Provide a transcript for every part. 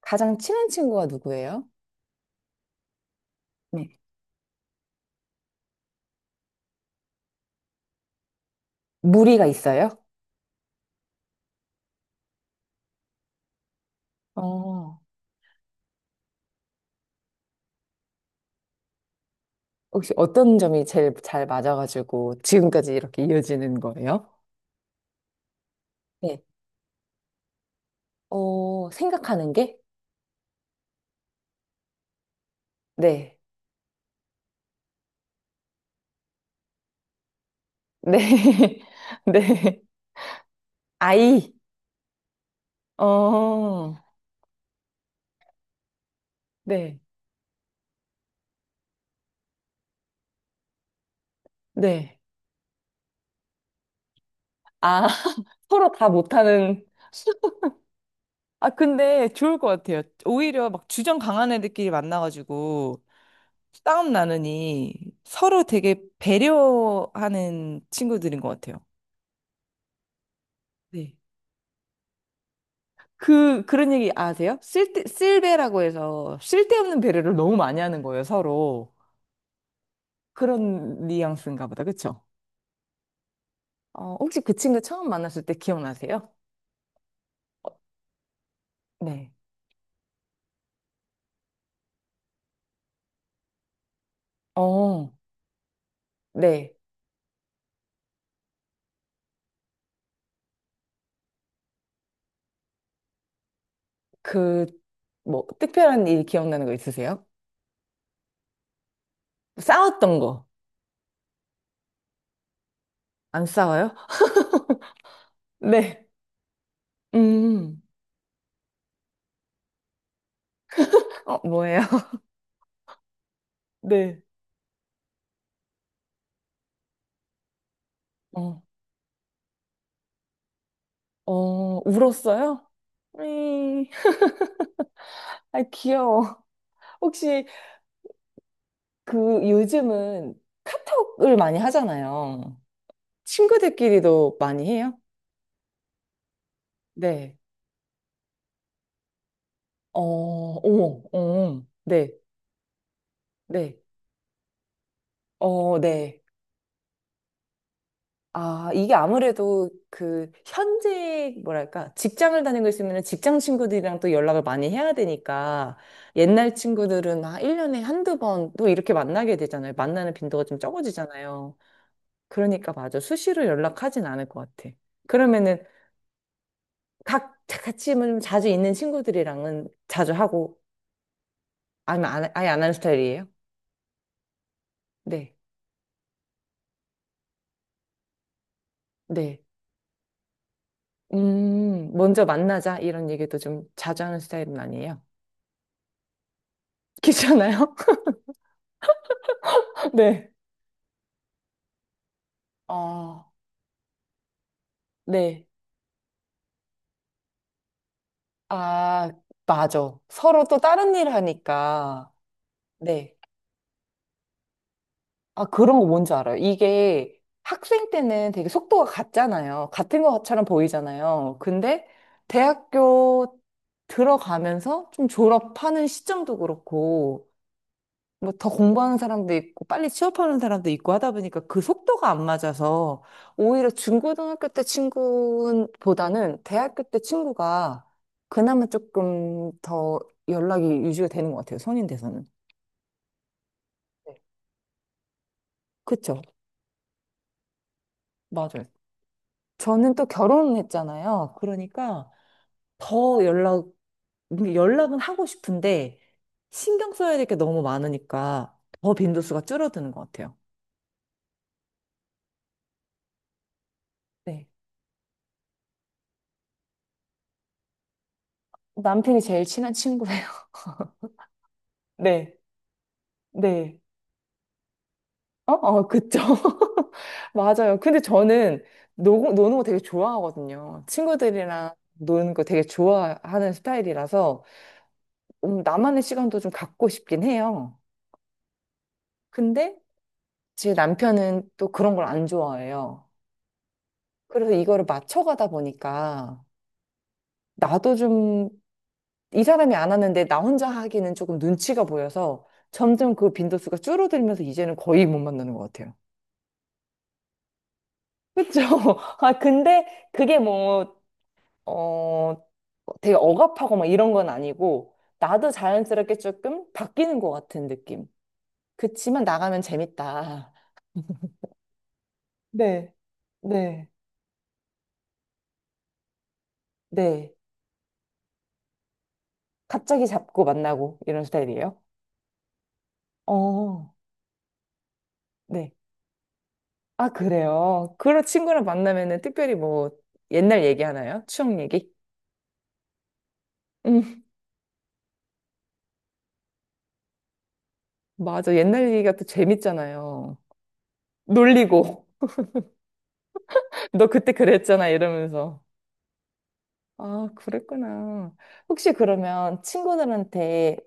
가장 친한 친구가 누구예요? 네. 무리가 있어요? 어, 혹시 어떤 점이 제일 잘 맞아가지고 지금까지 이렇게 이어지는 거예요? 네. 어, 생각하는 게? 네. 네. 네. 아이. 어. 네. 네. 아, 서로 다 못하는. 아, 근데 좋을 것 같아요. 오히려 막 주전 강한 애들끼리 만나가지고 싸움 나느니 서로 되게 배려하는 친구들인 것 같아요. 네. 그런 얘기 아세요? 쓸배라고 해서 쓸데없는 배려를 너무 많이 하는 거예요, 서로. 그런 뉘앙스인가 보다, 그쵸? 어, 혹시 그 친구 처음 만났을 때 기억나세요? 어, 네. 어, 네. 그, 뭐, 특별한 일 기억나는 거 있으세요? 싸웠던 거. 안 싸워요? 네. 음, 어, 뭐예요? 네. 어, 어, 울었어요? 음, 아, 귀여워. 혹시 그 요즘은 을 많이 하잖아요. 친구들끼리도 많이 해요? 네, 어, 어머, 어, 네, 네, 어, 네. 아, 이게 아무래도 그 현재 뭐랄까 직장을 다니고 있으면 직장 친구들이랑 또 연락을 많이 해야 되니까 옛날 친구들은 아, 1년에 한두 번 또 이렇게 만나게 되잖아요. 만나는 빈도가 좀 적어지잖아요. 그러니까 맞아. 수시로 연락하진 않을 것 같아. 그러면은 각 같이 뭐 자주 있는 친구들이랑은 자주 하고 아니면 안, 아예 안 하는 스타일이에요? 네, 네. 먼저 만나자 이런 얘기도 좀 자주 하는 스타일은 아니에요. 귀찮아요? 네. 아 네. 아, 맞아. 서로 또 다른 일 하니까. 네. 아, 그런 거 뭔지 알아요. 이게 학생 때는 되게 속도가 같잖아요. 같은 것처럼 보이잖아요. 근데 대학교 들어가면서 좀 졸업하는 시점도 그렇고, 뭐 더 공부하는 사람도 있고 빨리 취업하는 사람도 있고 하다 보니까 그 속도가 안 맞아서 오히려 중고등학교 때 친구보다는 대학교 때 친구가 그나마 조금 더 연락이 유지가 되는 것 같아요. 성인 돼서는. 네. 그쵸? 맞아요. 저는 또 결혼했잖아요. 그러니까 더 연락, 연락은 하고 싶은데 신경 써야 될 게 너무 많으니까 더 빈도수가 줄어드는 것 같아요. 네. 남편이 제일 친한 친구예요. 네. 네. 어, 어, 그쵸. 맞아요. 근데 저는 노는 거 되게 좋아하거든요. 친구들이랑 노는 거 되게 좋아하는 스타일이라서 나만의 시간도 좀 갖고 싶긴 해요. 근데 제 남편은 또 그런 걸 안 좋아해요. 그래서 이거를 맞춰가다 보니까 나도 좀 이 사람이 안 하는데 나 혼자 하기는 조금 눈치가 보여서 점점 그 빈도수가 줄어들면서 이제는 거의 못 만나는 것 같아요. 그쵸? 아, 근데 그게 뭐, 어, 되게 억압하고 막 이런 건 아니고 나도 자연스럽게 조금 바뀌는 것 같은 느낌. 그치만 나가면 재밌다. 네, 네. 네. 갑자기 잡고 만나고 이런 스타일이에요? 어, 네. 아, 그래요. 그런 친구랑 만나면은 특별히 뭐 옛날 얘기 하나요? 추억 얘기? 음, 맞아. 옛날 얘기가 또 재밌잖아요. 놀리고. 너 그때 그랬잖아. 이러면서. 아, 그랬구나. 혹시 그러면 친구들한테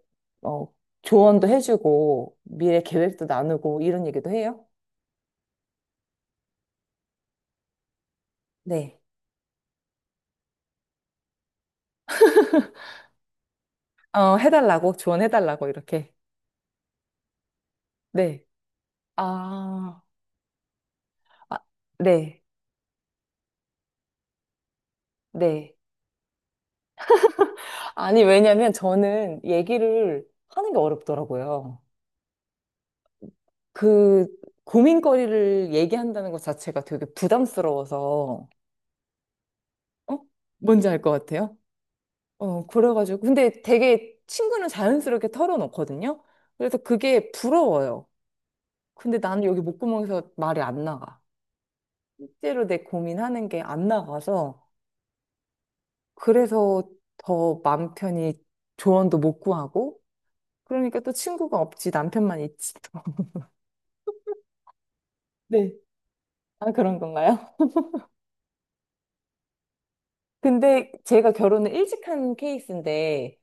어, 조언도 해주고 미래 계획도 나누고 이런 얘기도 해요? 네. 어, 해달라고, 조언해달라고, 이렇게. 네. 아, 아, 네, 네. 아니, 왜냐면 저는 얘기를 하는 게 어렵더라고요. 그 고민거리를 얘기한다는 것 자체가 되게 부담스러워서, 어? 뭔지 알 것 같아요? 어, 그래가지고. 근데 되게 친구는 자연스럽게 털어놓거든요? 그래서 그게 부러워요. 근데 나는 여기 목구멍에서 말이 안 나가. 실제로 내 고민하는 게 안 나가서. 그래서 더 마음 편히 조언도 못 구하고. 그러니까 또 친구가 없지, 남편만 있지. 또. 네. 아, 그런 건가요? 근데 제가 결혼을 일찍 한 케이스인데,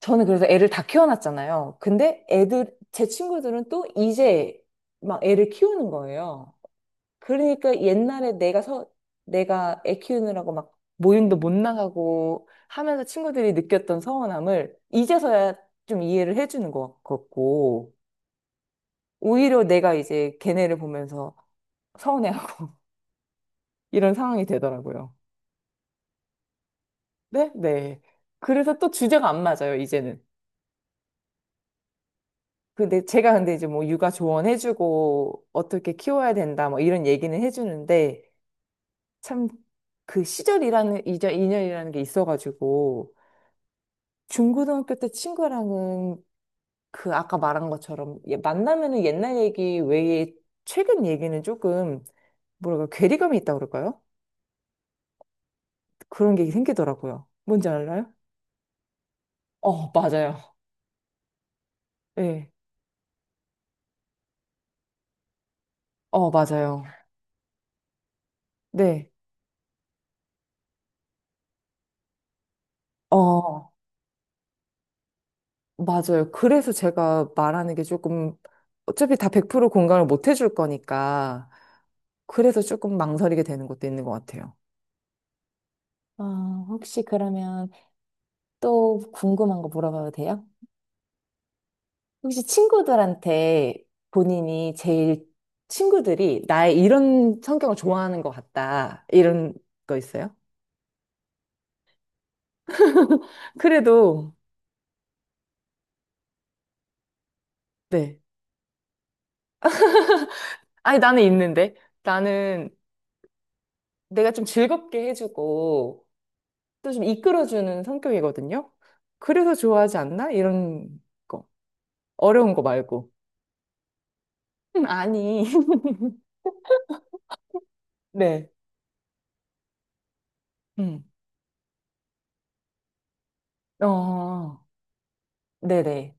저는 그래서 애를 다 키워놨잖아요. 근데 애들, 제 친구들은 또 이제 막 애를 키우는 거예요. 그러니까 내가 애 키우느라고 막 모임도 못 나가고 하면서 친구들이 느꼈던 서운함을 이제서야 좀 이해를 해주는 것 같고, 오히려 내가 이제 걔네를 보면서 서운해하고 이런 상황이 되더라고요. 네? 네. 그래서 또 주제가 안 맞아요, 이제는. 근데 제가 근데 이제 뭐 육아 조언해주고 어떻게 키워야 된다 뭐 이런 얘기는 해주는데 참 이절 인연이라는 게 있어가지고 중고등학교 때 친구랑은 그 아까 말한 것처럼 얘 만나면은 옛날 얘기 외에 최근 얘기는 조금 뭐랄까 괴리감이 있다고 그럴까요? 그런 게 생기더라고요. 뭔지 알아요? 어, 맞아요. 네. 어, 맞아요. 네. 어, 맞아요. 그래서 제가 말하는 게 조금 어차피 다 100% 공감을 못 해줄 거니까 그래서 조금 망설이게 되는 것도 있는 것 같아요. 아, 혹시 그러면 또 궁금한 거 물어봐도 돼요? 혹시 친구들한테 본인이 제일 친구들이 나의 이런 성격을 좋아하는 것 같다. 이런 거 있어요? 그래도, 네. 아니, 나는 있는데. 나는 내가 좀 즐겁게 해주고 또 좀 이끌어주는 성격이거든요. 그래서 좋아하지 않나? 이런 거. 어려운 거 말고. 아니. 네. 음. 어, 네네.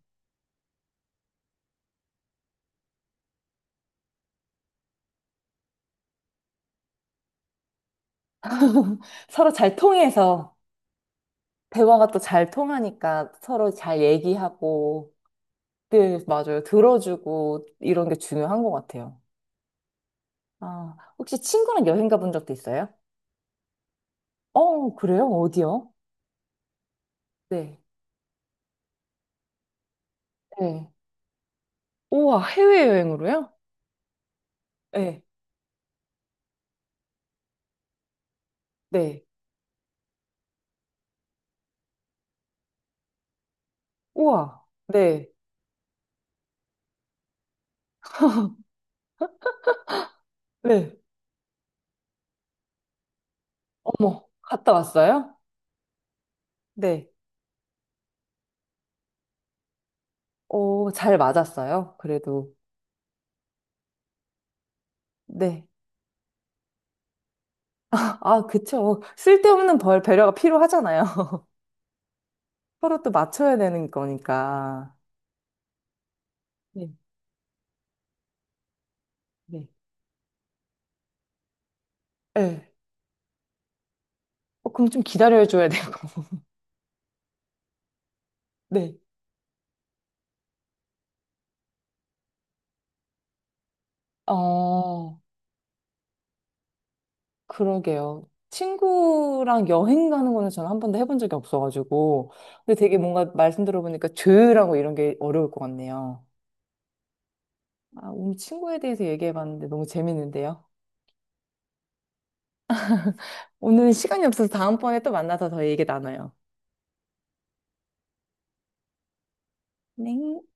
서로 잘 통해서, 대화가 또 잘 통하니까 서로 잘 얘기하고, 네, 맞아요. 들어주고 이런 게 중요한 것 같아요. 아, 혹시 친구랑 여행 가본 적도 있어요? 어, 그래요? 어디요? 네. 네. 우와, 해외여행으로요? 네. 네. 우와, 네. 네. 어머. 갔다 왔어요? 네. 어, 잘 맞았어요. 그래도. 네. 아, 그쵸. 쓸데없는 벌 배려가 필요하잖아요. 서로 또 맞춰야 되는 거니까. 네, 네. 네. 어, 그럼 좀 기다려줘야 되고. 네. 어, 그러게요. 친구랑 여행 가는 거는 저는 한 번도 해본 적이 없어가지고. 근데 되게 뭔가 말씀 들어보니까 조율하고 이런 게 어려울 것 같네요. 아, 오늘 친구에 대해서 얘기해봤는데 너무 재밌는데요. 오늘 시간이 없어서 다음번에 또 만나서 더 얘기 나눠요. 네.